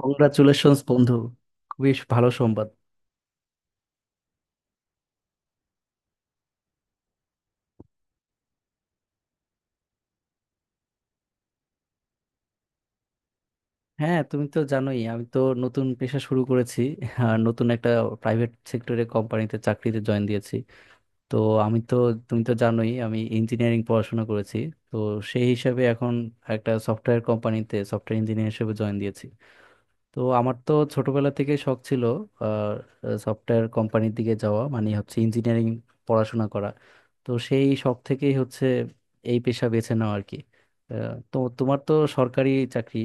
Congratulations বন্ধু। খুবই ভালো সংবাদ। হ্যাঁ, তুমি তো জানোই, আমি তো নতুন পেশা শুরু করেছি। আর নতুন একটা প্রাইভেট সেক্টরে কোম্পানিতে চাকরিতে জয়েন দিয়েছি। তো আমি তো তুমি তো জানোই আমি ইঞ্জিনিয়ারিং পড়াশোনা করেছি। তো সেই হিসাবে এখন একটা সফটওয়্যার কোম্পানিতে সফটওয়্যার ইঞ্জিনিয়ার হিসেবে জয়েন দিয়েছি। তো আমার তো ছোটবেলা থেকে শখ ছিল সফটওয়্যার কোম্পানির দিকে যাওয়া, মানে হচ্ছে ইঞ্জিনিয়ারিং পড়াশোনা করা। তো সেই শখ থেকেই হচ্ছে এই পেশা বেছে নেওয়া আর কি। তো তোমার তো সরকারি চাকরি,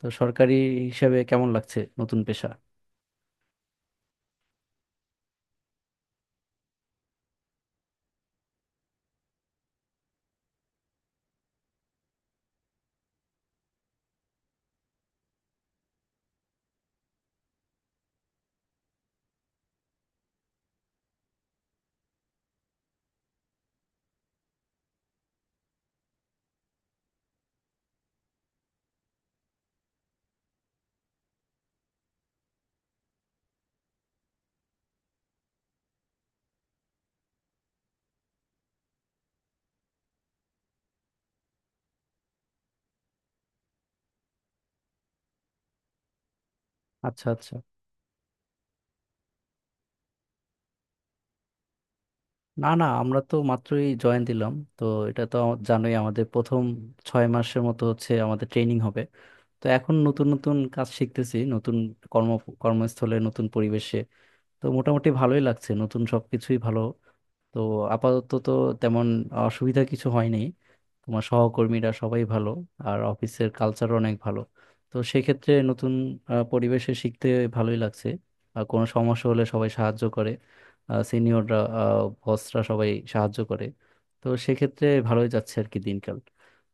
তো সরকারি হিসাবে কেমন লাগছে নতুন পেশা? আচ্ছা আচ্ছা। না না, আমরা তো মাত্রই জয়েন দিলাম তো। এটা তো জানোই আমাদের প্রথম 6 মাসের মতো হচ্ছে আমাদের ট্রেনিং হবে। তো এখন নতুন নতুন কাজ শিখতেছি নতুন কর্ম কর্মস্থলে, নতুন পরিবেশে। তো মোটামুটি ভালোই লাগছে, নতুন সবকিছুই ভালো। তো আপাতত তো তেমন অসুবিধা কিছু হয়নি। তোমার সহকর্মীরা সবাই ভালো, আর অফিসের কালচার অনেক ভালো। তো সেক্ষেত্রে নতুন পরিবেশে শিখতে ভালোই লাগছে। আর কোনো সমস্যা হলে সবাই সাহায্য করে, সিনিয়ররা, বসরা সবাই সাহায্য করে। তো সেক্ষেত্রে ভালোই যাচ্ছে আর কি দিনকাল।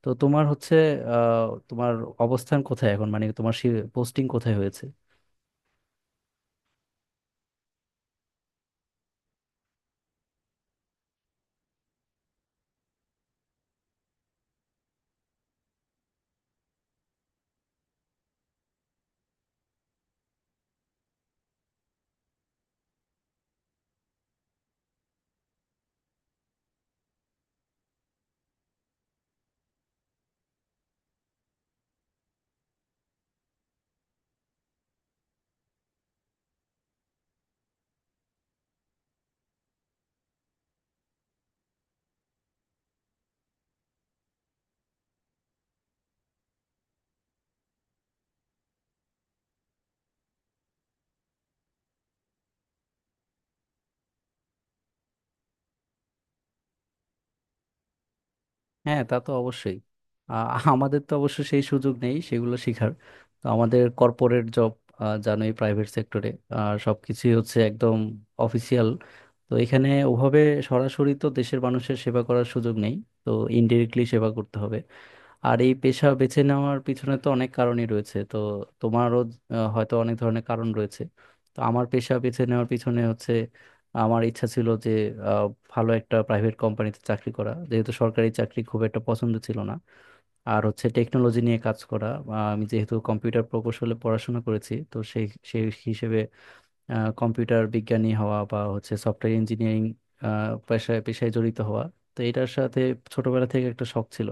তো তোমার অবস্থান কোথায় এখন, মানে তোমার পোস্টিং কোথায় হয়েছে? হ্যাঁ, তা তো অবশ্যই। আ- আমাদের তো অবশ্য সেই সুযোগ নেই সেগুলো শেখার। তো আমাদের কর্পোরেট জব, জানোই প্রাইভেট সেক্টরে সব কিছুই হচ্ছে একদম অফিসিয়াল। তো এখানে ওভাবে সরাসরি তো দেশের মানুষের সেবা করার সুযোগ নেই। তো ইনডিরেক্টলি সেবা করতে হবে। আর এই পেশা বেছে নেওয়ার পিছনে তো অনেক কারণই রয়েছে। তো তোমারও হয়তো অনেক ধরনের কারণ রয়েছে। তো আমার পেশা বেছে নেওয়ার পিছনে হচ্ছে, আমার ইচ্ছা ছিল যে আহ, ভালো একটা প্রাইভেট কোম্পানিতে চাকরি করা, যেহেতু সরকারি চাকরি খুব একটা পছন্দ ছিল না। আর হচ্ছে টেকনোলজি নিয়ে কাজ করা। আমি যেহেতু কম্পিউটার প্রকৌশলে পড়াশোনা করেছি, তো সেই সেই হিসেবে কম্পিউটার বিজ্ঞানী হওয়া বা হচ্ছে সফটওয়্যার ইঞ্জিনিয়ারিং পেশায় পেশায় জড়িত হওয়া। তো এটার সাথে ছোটবেলা থেকে একটা শখ ছিল।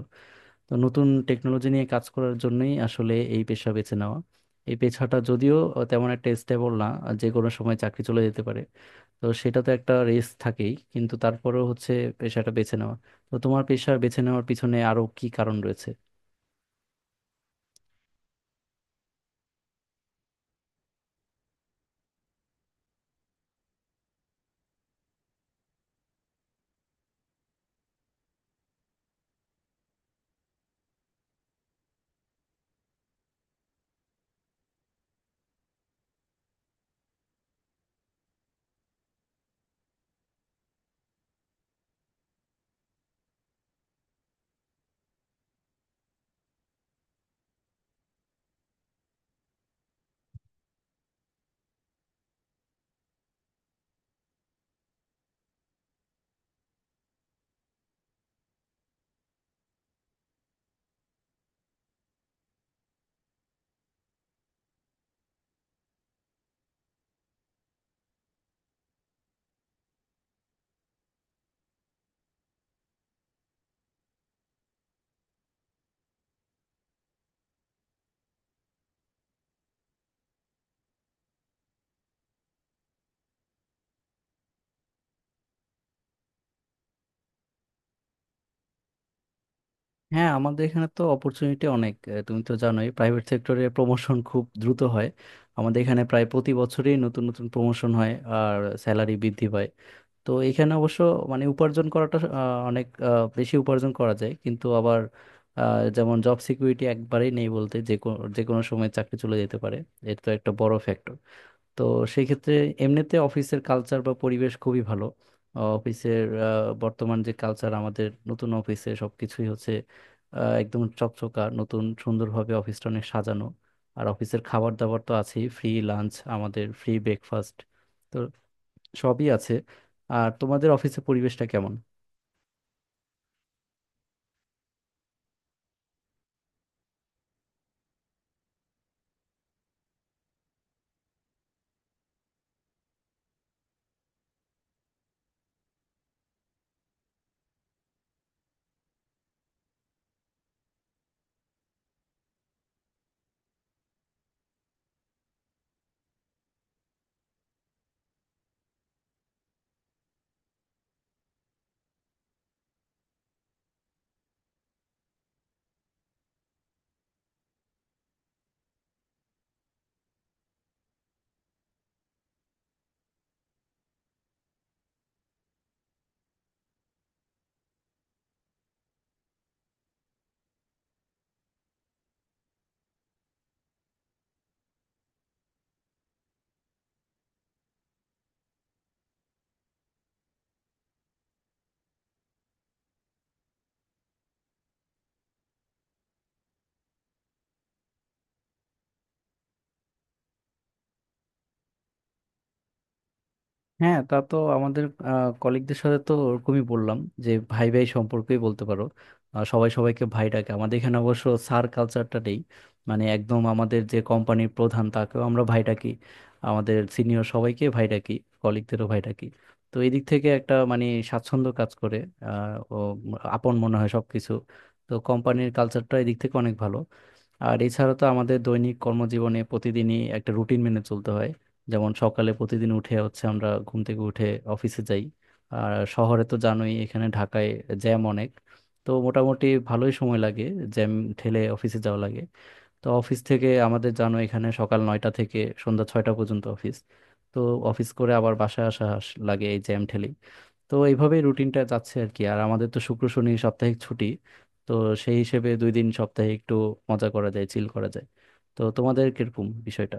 তো নতুন টেকনোলজি নিয়ে কাজ করার জন্যই আসলে এই পেশা বেছে নেওয়া। এই পেশাটা যদিও তেমন একটা স্টেবল না, যে কোনো সময় চাকরি চলে যেতে পারে। তো সেটা তো একটা রিস্ক থাকেই, কিন্তু তারপরেও হচ্ছে পেশাটা বেছে নেওয়া। তো তোমার পেশা বেছে নেওয়ার পিছনে আরো কি কারণ রয়েছে? হ্যাঁ, আমাদের এখানে তো অপরচুনিটি অনেক। তুমি তো জানোই প্রাইভেট সেক্টরে প্রমোশন খুব দ্রুত হয়। আমাদের এখানে প্রায় প্রতি বছরই নতুন নতুন প্রমোশন হয়, আর স্যালারি বৃদ্ধি পায়। তো এখানে অবশ্য মানে উপার্জন করাটা অনেক বেশি উপার্জন করা যায়, কিন্তু আবার যেমন জব সিকিউরিটি একবারেই নেই বলতে, যে কোনো সময় চাকরি চলে যেতে পারে। এটা তো একটা বড় ফ্যাক্টর। তো সেই ক্ষেত্রে এমনিতে অফিসের কালচার বা পরিবেশ খুবই ভালো। আহ, অফিসের আহ, বর্তমান যে কালচার আমাদের নতুন অফিসে, সব কিছুই হচ্ছে একদম চকচকা নতুন, সুন্দরভাবে অফিসটা অনেক সাজানো। আর অফিসের খাবার দাবার তো আছেই, ফ্রি লাঞ্চ আমাদের, ফ্রি ব্রেকফাস্ট, সবই আছে। আর তোমাদের অফিসে পরিবেশটা কেমন? হ্যাঁ, তা তো আমাদের কলিগদের সাথে তো ওরকমই বললাম, যে ভাই ভাই সম্পর্কেই বলতে পারো। সবাই সবাইকে ভাই ডাকে আমাদের এখানে, অবশ্য স্যার কালচারটা নেই। মানে একদম আমাদের যে কোম্পানির প্রধান, তাকেও আমরা ভাই ডাকি। আমাদের সিনিয়র সবাইকে ভাই ডাকি, কলিগদেরও ভাই ডাকি। তো এই দিক থেকে একটা মানে স্বাচ্ছন্দ্য কাজ করে। আহ, ও আপন মনে হয় সবকিছু। তো কোম্পানির কালচারটা এই দিক থেকে অনেক ভালো। আর এছাড়া তো আমাদের দৈনিক কর্মজীবনে প্রতিদিনই একটা রুটিন মেনে চলতে হয়। যেমন সকালে প্রতিদিন উঠে হচ্ছে আমরা ঘুম থেকে উঠে অফিসে যাই। আর শহরে তো জানোই এখানে ঢাকায় জ্যাম অনেক। তো মোটামুটি ভালোই সময় লাগে, জ্যাম ঠেলে অফিসে যাওয়া লাগে। তো অফিস থেকে আমাদের জানো এখানে সকাল 9টা থেকে সন্ধ্যা 6টা পর্যন্ত অফিস। তো অফিস করে আবার বাসায় আসা লাগে এই জ্যাম ঠেলেই। তো এইভাবেই রুটিনটা যাচ্ছে আর কি। আর আমাদের তো শুক্র শনি সাপ্তাহিক ছুটি। তো সেই হিসেবে 2 দিন সপ্তাহে একটু মজা করা যায়, চিল করা যায়। তো তোমাদের কিরকম বিষয়টা?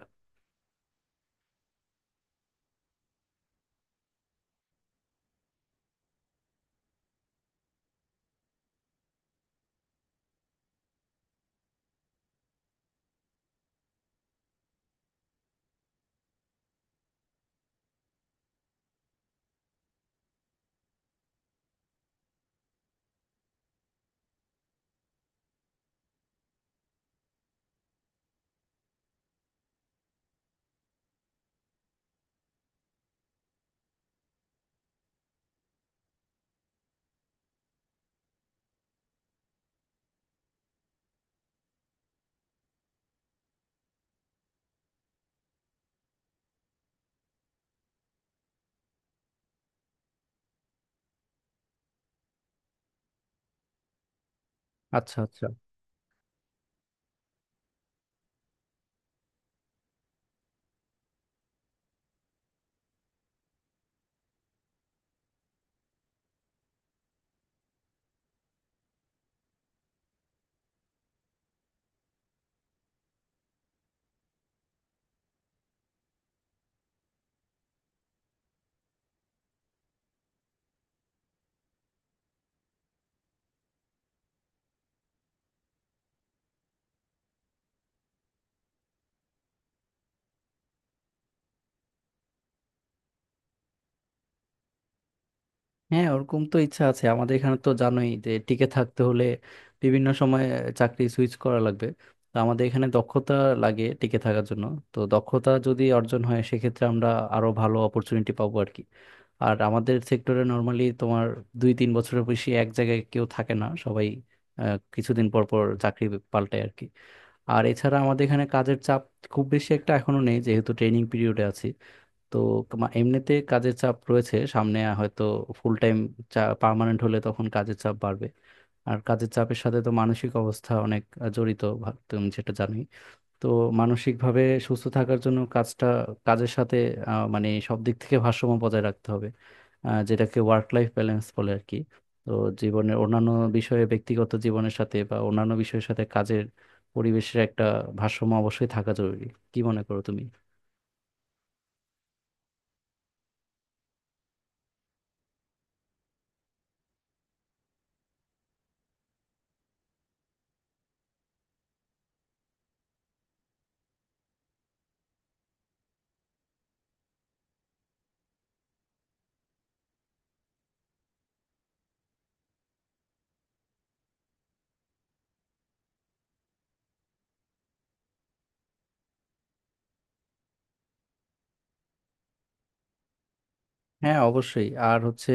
আচ্ছা আচ্ছা। হ্যাঁ, ওরকম তো ইচ্ছা আছে। আমাদের এখানে তো জানোই যে টিকে থাকতে হলে বিভিন্ন সময় চাকরি সুইচ করা লাগবে। তো আমাদের এখানে দক্ষতা লাগে টিকে থাকার জন্য। তো দক্ষতা যদি অর্জন হয় সেক্ষেত্রে আমরা আরো ভালো অপরচুনিটি পাবো আর কি। আর আমাদের সেক্টরে নর্মালি তোমার 2-3 বছরের বেশি এক জায়গায় কেউ থাকে না, সবাই কিছুদিন পর পর চাকরি পাল্টায় আর কি। আর এছাড়া আমাদের এখানে কাজের চাপ খুব বেশি একটা এখনো নেই, যেহেতু ট্রেনিং পিরিয়ডে আছি। তো তোমার এমনিতে কাজের চাপ রয়েছে, সামনে হয়তো ফুল টাইম পার্মানেন্ট হলে তখন কাজের চাপ বাড়বে। আর কাজের চাপের সাথে তো মানসিক অবস্থা অনেক জড়িত, তুমি যেটা জানোই। তো মানসিকভাবে সুস্থ থাকার জন্য কাজের সাথে মানে সব দিক থেকে ভারসাম্য বজায় রাখতে হবে, যেটাকে ওয়ার্ক লাইফ ব্যালেন্স বলে আর কি। তো জীবনের অন্যান্য বিষয়ে, ব্যক্তিগত জীবনের সাথে বা অন্যান্য বিষয়ের সাথে কাজের পরিবেশের একটা ভারসাম্য অবশ্যই থাকা জরুরি। কি মনে করো তুমি? হ্যাঁ, অবশ্যই। আর হচ্ছে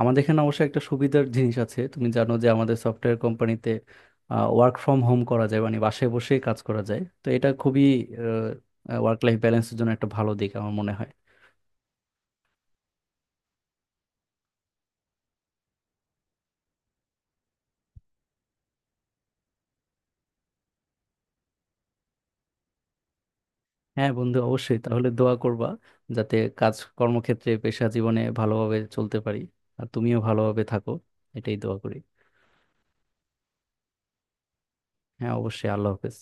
আমাদের এখানে অবশ্য একটা সুবিধার জিনিস আছে, তুমি জানো যে আমাদের সফটওয়্যার কোম্পানিতে ওয়ার্ক ফ্রম হোম করা যায়, মানে বাসায় বসে কাজ করা যায়। তো এটা খুবই ওয়ার্ক লাইফ ব্যালেন্সের জন্য একটা ভালো দিক আমার মনে হয়। হ্যাঁ বন্ধু, অবশ্যই, তাহলে দোয়া করবা যাতে কাজ, কর্মক্ষেত্রে, পেশা জীবনে ভালোভাবে চলতে পারি। আর তুমিও ভালোভাবে থাকো, এটাই দোয়া করি। হ্যাঁ অবশ্যই, আল্লাহ হাফেজ।